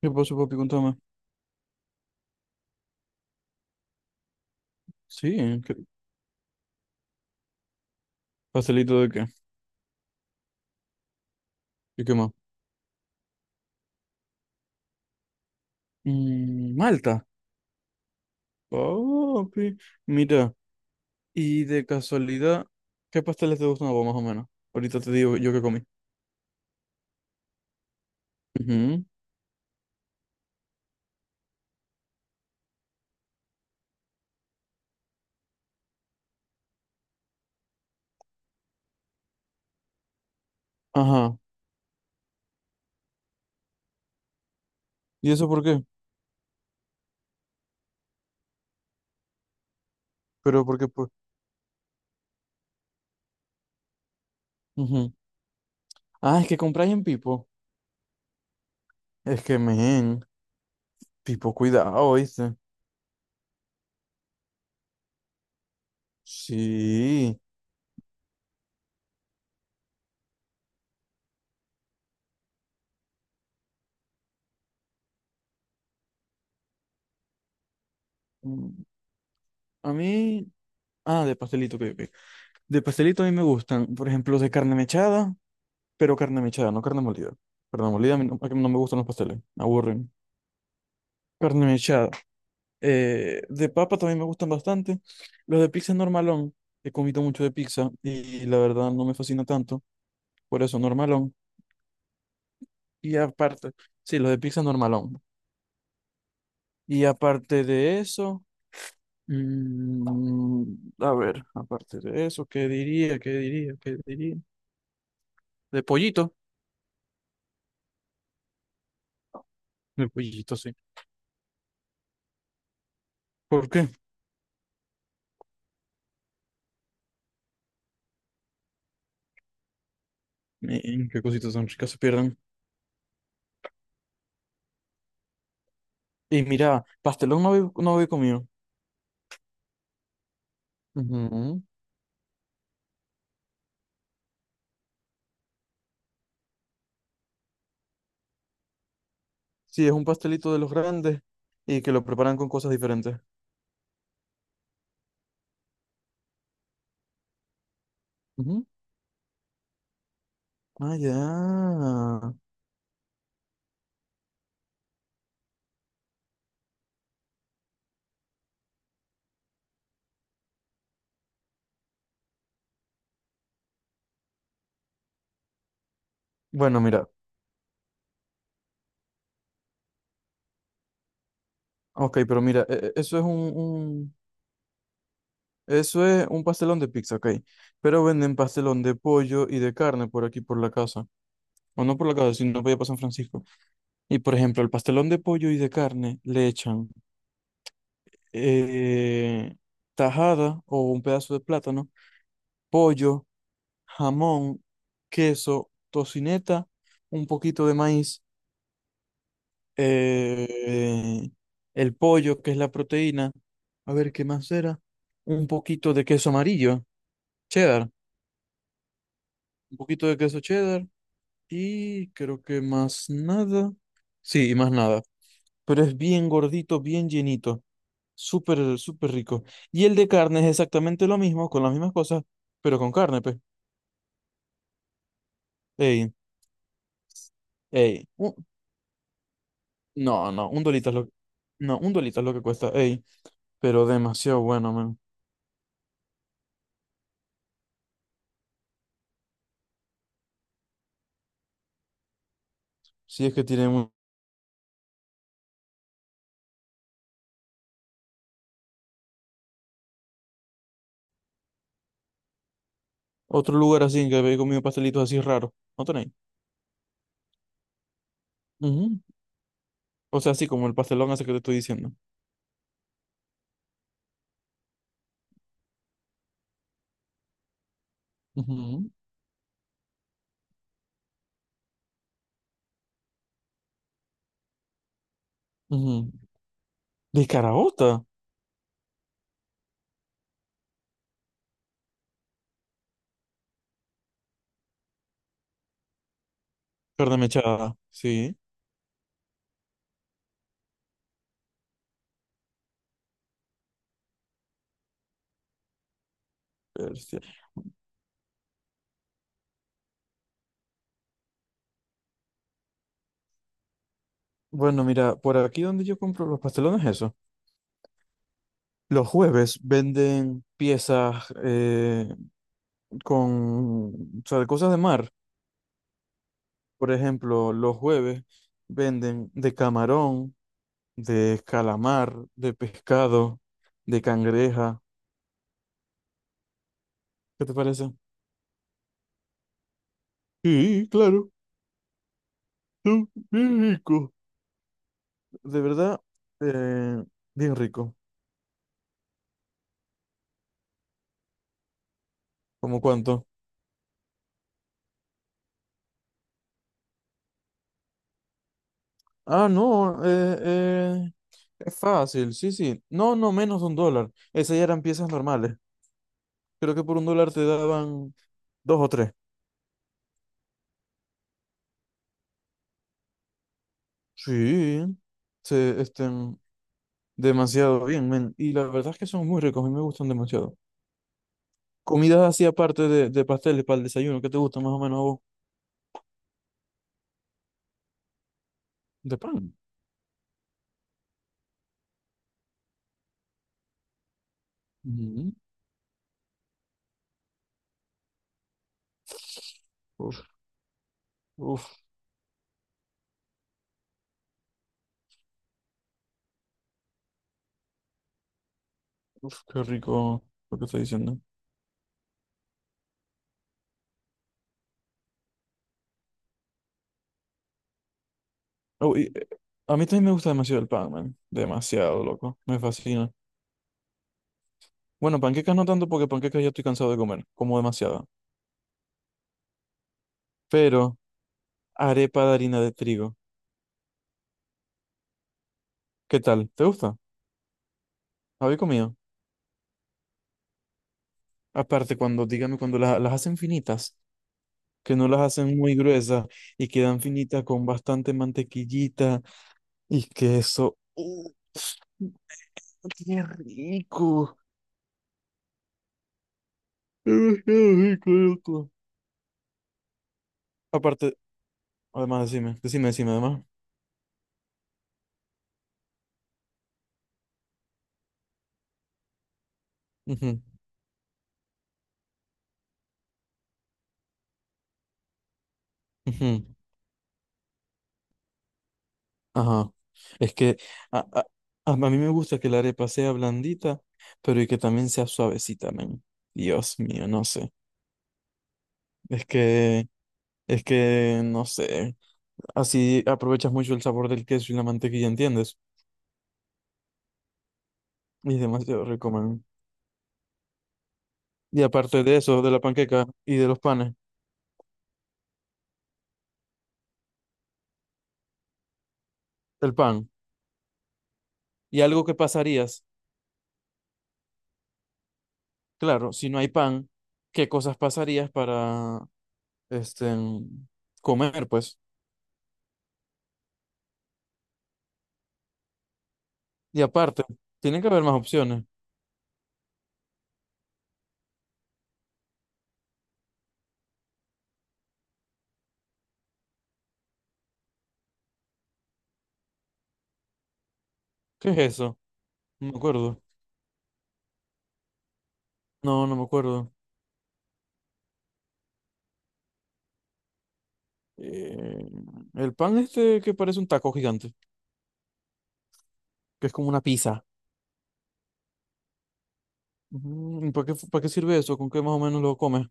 ¿Qué pasó, papi? Contame. Sí, ¿qué- ¿pastelito de qué? ¿Y qué más? Mm, Malta. Papi, mira, y de casualidad, ¿qué pasteles te gustan a vos más o menos? Ahorita te digo yo qué comí. Ujú. Ajá. ¿Y eso por qué? Pero porque pues. Ujú. Ah, es que compráis en Pipo. Es que, men, Pipo, cuidado, ¿viste? Sí. Mm. A mí. Ah, de pastelito, que de pastelito a mí me gustan, por ejemplo, de carne mechada. Pero carne mechada, no carne molida. Carne molida a mí no me gustan los pasteles, me aburren. Carne mechada. De papa también me gustan bastante. Los de pizza es normalón. He comido mucho de pizza y la verdad no me fascina tanto. Por eso, normalón. Y aparte, sí, los de pizza normalón. Y aparte de eso, mm, a ver, aparte de eso, ¿qué diría? ¿Qué diría? ¿Qué diría? De pollito. De pollito, sí. ¿Por qué? Mm, ¿qué cositas tan ricas se pierden? Y mira, pastelón no había, no había comido. Ujú. Sí, es un pastelito de los grandes y que lo preparan con cosas diferentes. Ujú. Ah, ya. Bueno, mira. Ok, pero mira, eso es eso es un pastelón de pizza, ok. Pero venden pastelón de pollo y de carne por aquí, por la casa. O no por la casa, sino por allá por San Francisco. Y por ejemplo, el pastelón de pollo y de carne le echan eh, tajada o un pedazo de plátano, pollo, jamón, queso, tocineta, un poquito de maíz, eh, el pollo, que es la proteína. A ver, ¿qué más era? Un poquito de queso amarillo, cheddar, un poquito de queso cheddar y creo que más nada. Sí, y más nada. Pero es bien gordito, bien llenito. Súper, súper rico. Y el de carne es exactamente lo mismo, con las mismas cosas, pero con carne, pues. Ey, ey. Un- no, no, un dolito es lo que... No, un dolito es lo que cuesta, ey, pero demasiado bueno, man. Si es que tienen un- otro lugar así en que habéis comido pastelitos así raros, ¿no tenéis? Ujú. O sea, así como el pastelón ese que te estoy diciendo. Ujú, ujú. De caraota, carne mechada, sí. Bestia. Bueno, mira, por aquí donde yo compro los pastelones, eso. Los jueves venden piezas con, o sea, de cosas de mar. Por ejemplo, los jueves venden de camarón, de calamar, de pescado, de cangreja. ¿Qué te parece? Sí, claro, son bien rico. De verdad, eh, bien rico. ¿Cómo cuánto? Ah, no, es fácil, sí, sí. No, no, menos de un dólar. Esas ya eran piezas normales. Creo que por un dólar te daban dos o tres. Sí, se estén demasiado bien, men. Y la verdad es que son muy ricos, a mí me gustan demasiado. Comidas así aparte de pasteles para el desayuno, ¿qué te gusta más o menos a vos? De pan. Mm, uf, uf, uf, qué rico lo que está diciendo. Oh, y, a mí también me gusta demasiado el pan, man. Demasiado, loco. Me fascina. Bueno, panquecas no tanto porque panquecas ya estoy cansado de comer. Como demasiada. Pero arepa de harina de trigo. ¿Qué tal? ¿Te gusta? ¿Habéis comido? Aparte, cuando, dígame, cuando la- las hacen finitas, que no las hacen muy gruesas y quedan finitas con bastante mantequillita y queso. ¡Qué rico! Demasiado rico, loco. Aparte, además, decime, decime, decime, además. Ujú, ujú, ajá. Es que a, a mí me gusta que la arepa sea blandita, pero y que también sea suavecita, men. Dios mío, no sé. Es que, es que, no sé. Así aprovechas mucho el sabor del queso y la mantequilla, ¿entiendes? Y es demasiado rico, man. Y aparte de eso, de la panqueca y de los panes, el pan. Y algo que pasarías, claro, si no hay pan, ¿qué cosas pasarías para este, comer, pues. Y aparte, tiene que haber más opciones. ¿Qué es eso? No me acuerdo. No, no me acuerdo. Eh, el pan este que parece un taco gigante, que es como una pizza. Mm, ¿para qué, para qué sirve eso? ¿Con qué más o menos lo comes?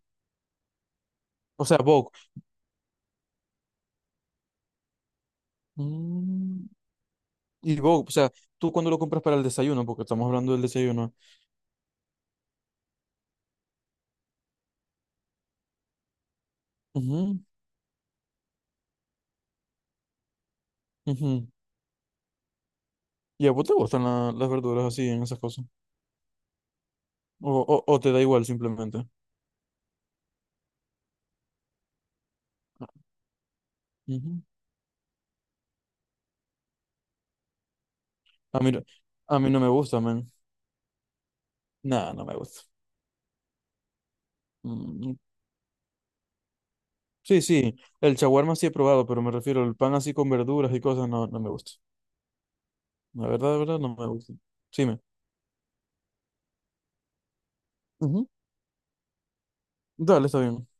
O sea, Vogue. Mm, y Vogue, o sea, tú cuando lo compras para el desayuno, porque estamos hablando del desayuno. Ujú, ujú. ¿Y a vos te gustan la- las verduras así en esas cosas? O te da igual simplemente? Ujú. A mí, no- a mí no me gusta, man. No, no me gusta. Mm, mm. Sí, sí, el shawarma sí he probado, pero me refiero al pan así con verduras y cosas, no, no me gusta. La verdad, no me gusta. Sí, me. Ujú. Dale, está bien.